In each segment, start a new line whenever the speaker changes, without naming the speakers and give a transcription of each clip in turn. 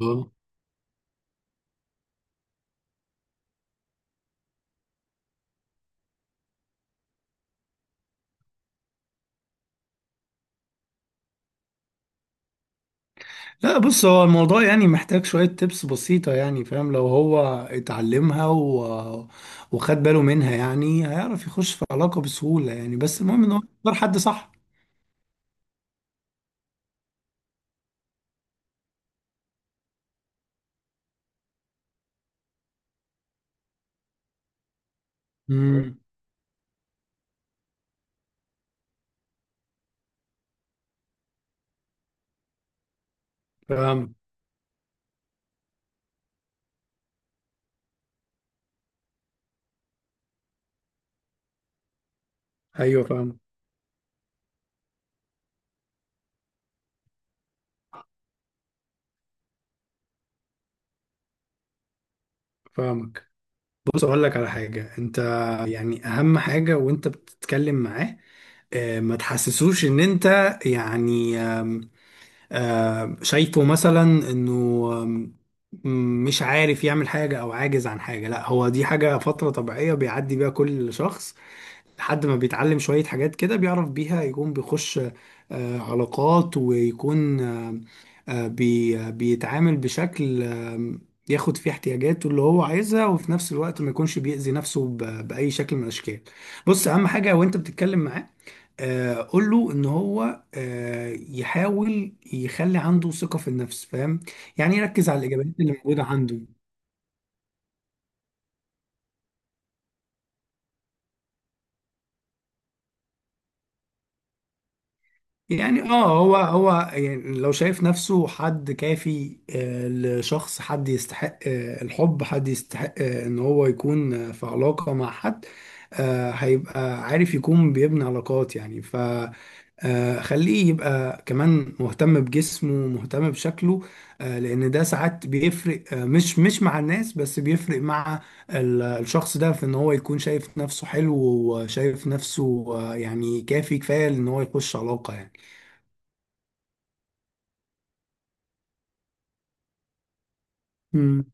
اه. لا، بص، هو الموضوع يعني محتاج شوية تبس بسيطة يعني. فاهم؟ لو هو اتعلمها و... وخد باله منها يعني هيعرف يخش في علاقة بسهولة يعني، بس المهم ان هو يختار حد صح. امم فاهم. ايوه، فاهم. فاهمك. بص، اقول لك على حاجة. انت يعني اهم حاجة وانت بتتكلم معاه، ما تحسسوش ان انت يعني شايفه مثلا انه آم، مش عارف يعمل حاجة او عاجز عن حاجة. لا، هو دي حاجة فترة طبيعية بيعدي بيها كل شخص لحد ما بيتعلم شوية حاجات كده بيعرف بيها يكون بيخش علاقات، ويكون آه، آه، بي آه، بيتعامل بشكل ياخد فيه احتياجاته اللي هو عايزها، وفي نفس الوقت ما يكونش بيأذي نفسه بأي شكل من الأشكال. بص، أهم حاجة وأنت بتتكلم معاه، قول له ان هو يحاول يخلي عنده ثقة في النفس. فاهم؟ يعني يركز على الاجابات اللي موجودة عنده. يعني اه، هو هو يعني لو شايف نفسه حد كافي لشخص، حد يستحق الحب، حد يستحق ان هو يكون في علاقة مع حد، هيبقى عارف يكون بيبني علاقات يعني. ف خليه يبقى كمان مهتم بجسمه، مهتم بشكله، لان ده ساعات بيفرق، آه، مش مش مع الناس بس، بيفرق مع الشخص ده في ان هو يكون شايف نفسه حلو وشايف نفسه يعني كافي، كفاية ان هو يخش علاقة يعني. امم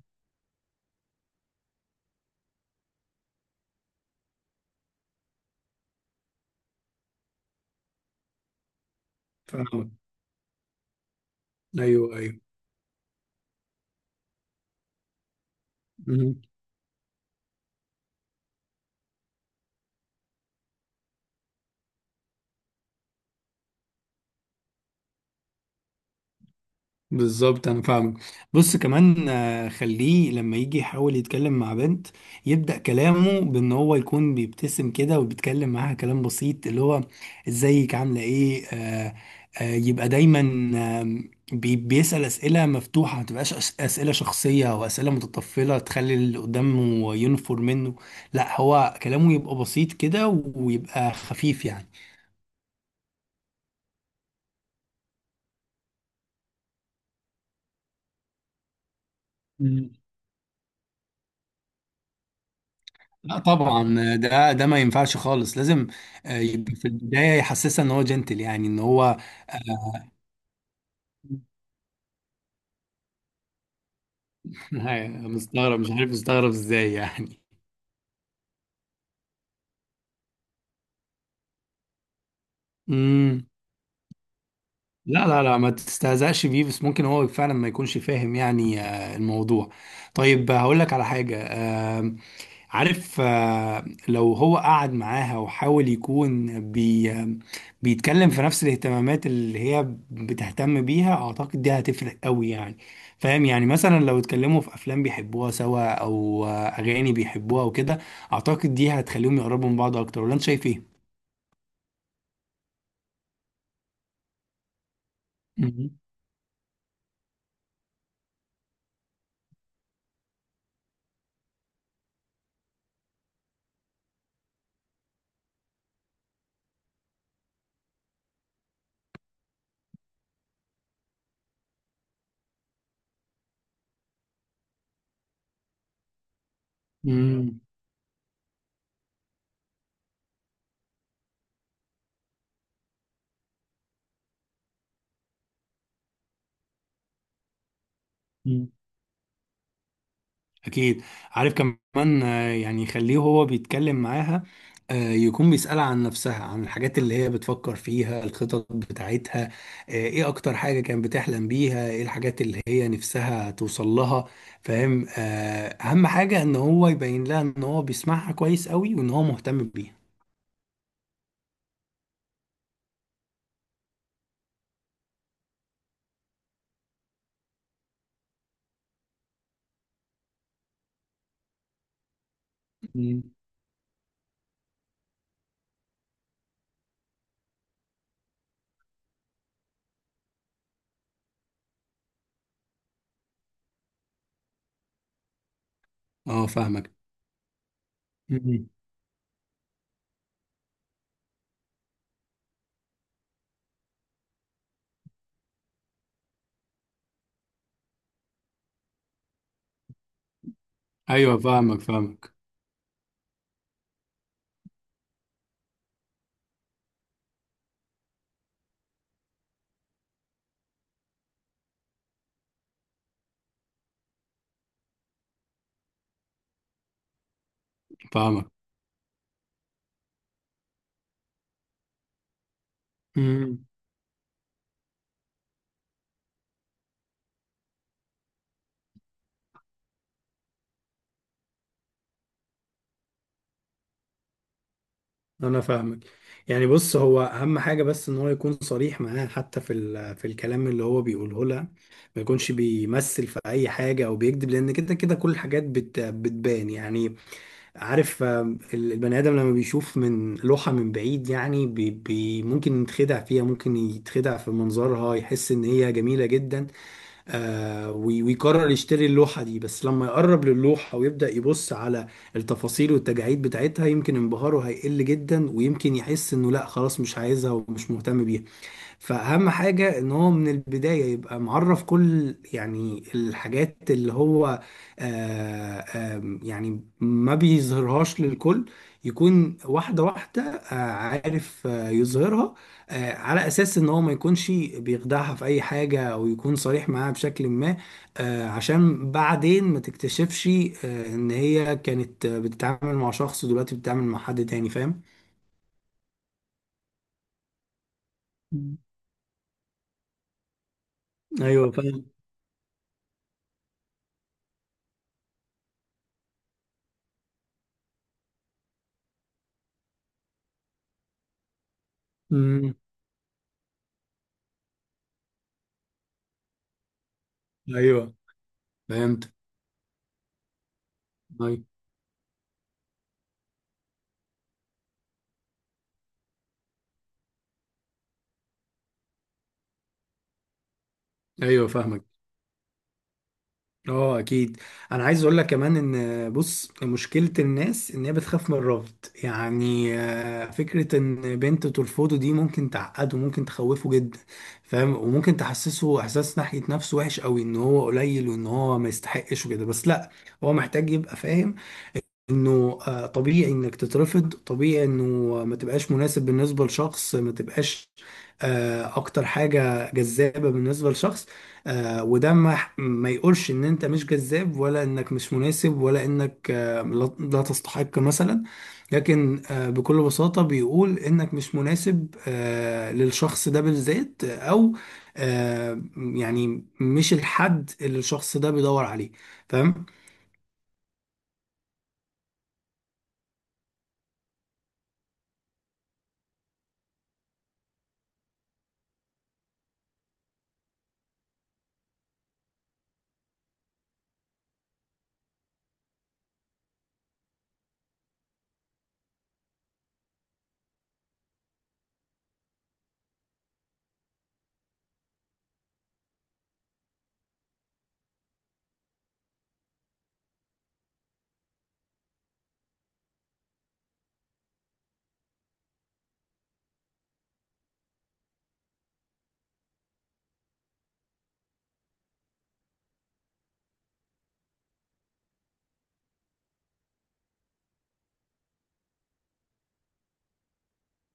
فاهمك. ايوه، ايوه. امم بالظبط، انا فاهمك. بص، كمان خليه لما يجي يحاول يتكلم مع بنت، يبدأ كلامه بان هو يكون بيبتسم كده وبيتكلم معاها كلام بسيط اللي هو ازيك، عامله ايه. يبقى دايما آه بيسأل اسئله مفتوحه، ما تبقاش اسئله شخصيه او اسئله متطفله تخلي اللي قدامه ينفر منه. لا، هو كلامه يبقى بسيط كده، ويبقى خفيف. يعني لا، طبعا، ده ما ينفعش خالص. لازم يبقى في البدايه يحسسها ان هو جنتل، يعني ان هو مستغرب، مش عارف مستغرب ازاي يعني. امم لا لا لا، ما تستهزأش بيه، بس ممكن هو فعلا ما يكونش فاهم يعني الموضوع. طيب هقول لك على حاجة. عارف لو هو قعد معاها وحاول يكون بيتكلم في نفس الاهتمامات اللي هي بتهتم بيها، اعتقد دي هتفرق قوي يعني. فاهم؟ يعني مثلا لو اتكلموا في افلام بيحبوها سوا او اغاني بيحبوها وكده، اعتقد دي هتخليهم يقربوا من بعض اكتر. ولا انت شايف ايه؟ مم. مم. أكيد. عارف كمان يعني يخليه هو بيتكلم معاها، يكون بيسألها عن نفسها، عن الحاجات اللي هي بتفكر فيها، الخطط بتاعتها، إيه أكتر حاجة كانت بتحلم بيها، إيه الحاجات اللي هي نفسها توصل لها. فاهم؟ أهم حاجة إن هو يبين لها إن هو بيسمعها كويس قوي وإن هو مهتم بيها. مم. أه، فاهمك. مم. أيوه، فاهمك، فاهمك، فاهمك. مم. انا فاهمك. يعني بص، هو اهم حاجه بس ان هو يكون صريح معاها حتى في في الكلام اللي هو بيقوله لها. ما يكونش بيمثل في اي حاجه او بيكذب، لان كده كده كل الحاجات بتبان يعني. عارف البني ادم لما بيشوف من لوحه من بعيد يعني بي بي ممكن يتخدع فيها، ممكن يتخدع في منظرها، يحس ان هي جميله جدا. آه، ويقرر يشتري اللوحة دي. بس لما يقرب للوحة ويبدأ يبص على التفاصيل والتجاعيد بتاعتها، يمكن انبهاره هيقل جدا، ويمكن يحس انه لا خلاص، مش عايزها ومش مهتم بيها. فأهم حاجة إن هو من البداية يبقى معرف كل يعني الحاجات اللي هو آه، آم، يعني ما بيظهرهاش للكل. يكون واحدة واحدة عارف يظهرها على أساس إن هو ما يكونش بيخدعها في أي حاجة، أو يكون صريح معاها بشكل ما، عشان بعدين ما تكتشفش إن هي كانت بتتعامل مع شخص ودلوقتي بتتعامل مع حد تاني. فاهم؟ مم. ايوه، فاهم. امم ايوه، فهمت. أيوة. ايوه، فاهمك. اه، اكيد. انا عايز اقول لك كمان ان بص، مشكله الناس ان هي بتخاف من الرفض يعني. فكره ان بنت ترفضه دي ممكن تعقده، ممكن تخوفه جدا. فاهم؟ وممكن تحسسه احساس ناحيه نفسه وحش قوي، ان هو قليل وان هو ما يستحقش وكده. بس لا، هو محتاج يبقى فاهم انه طبيعي انك تترفض، طبيعي انه ما تبقاش مناسب بالنسبه لشخص، ما تبقاش اكتر حاجه جذابه بالنسبه لشخص، وده ما يقولش ان انت مش جذاب، ولا انك مش مناسب، ولا انك آه، لا لا تستحق مثلا. لكن بكل بساطه بيقول انك مش مناسب للشخص ده بالذات، او يعني مش الحد اللي الشخص ده بيدور عليه. فاهم؟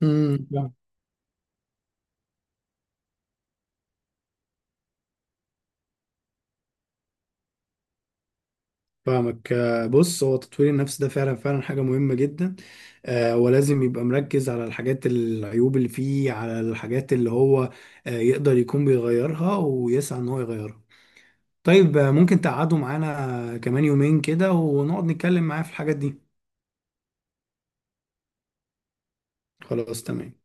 امم فاهمك. بص، هو تطوير النفس ده فعلا فعلا حاجة مهمة جدا. ولازم يبقى مركز على الحاجات العيوب اللي فيه، على الحاجات اللي هو يقدر يكون بيغيرها ويسعى ان هو يغيرها. طيب ممكن تقعدوا معانا كمان يومين كده ونقعد نتكلم معاه في الحاجات دي. خلاص، تمام.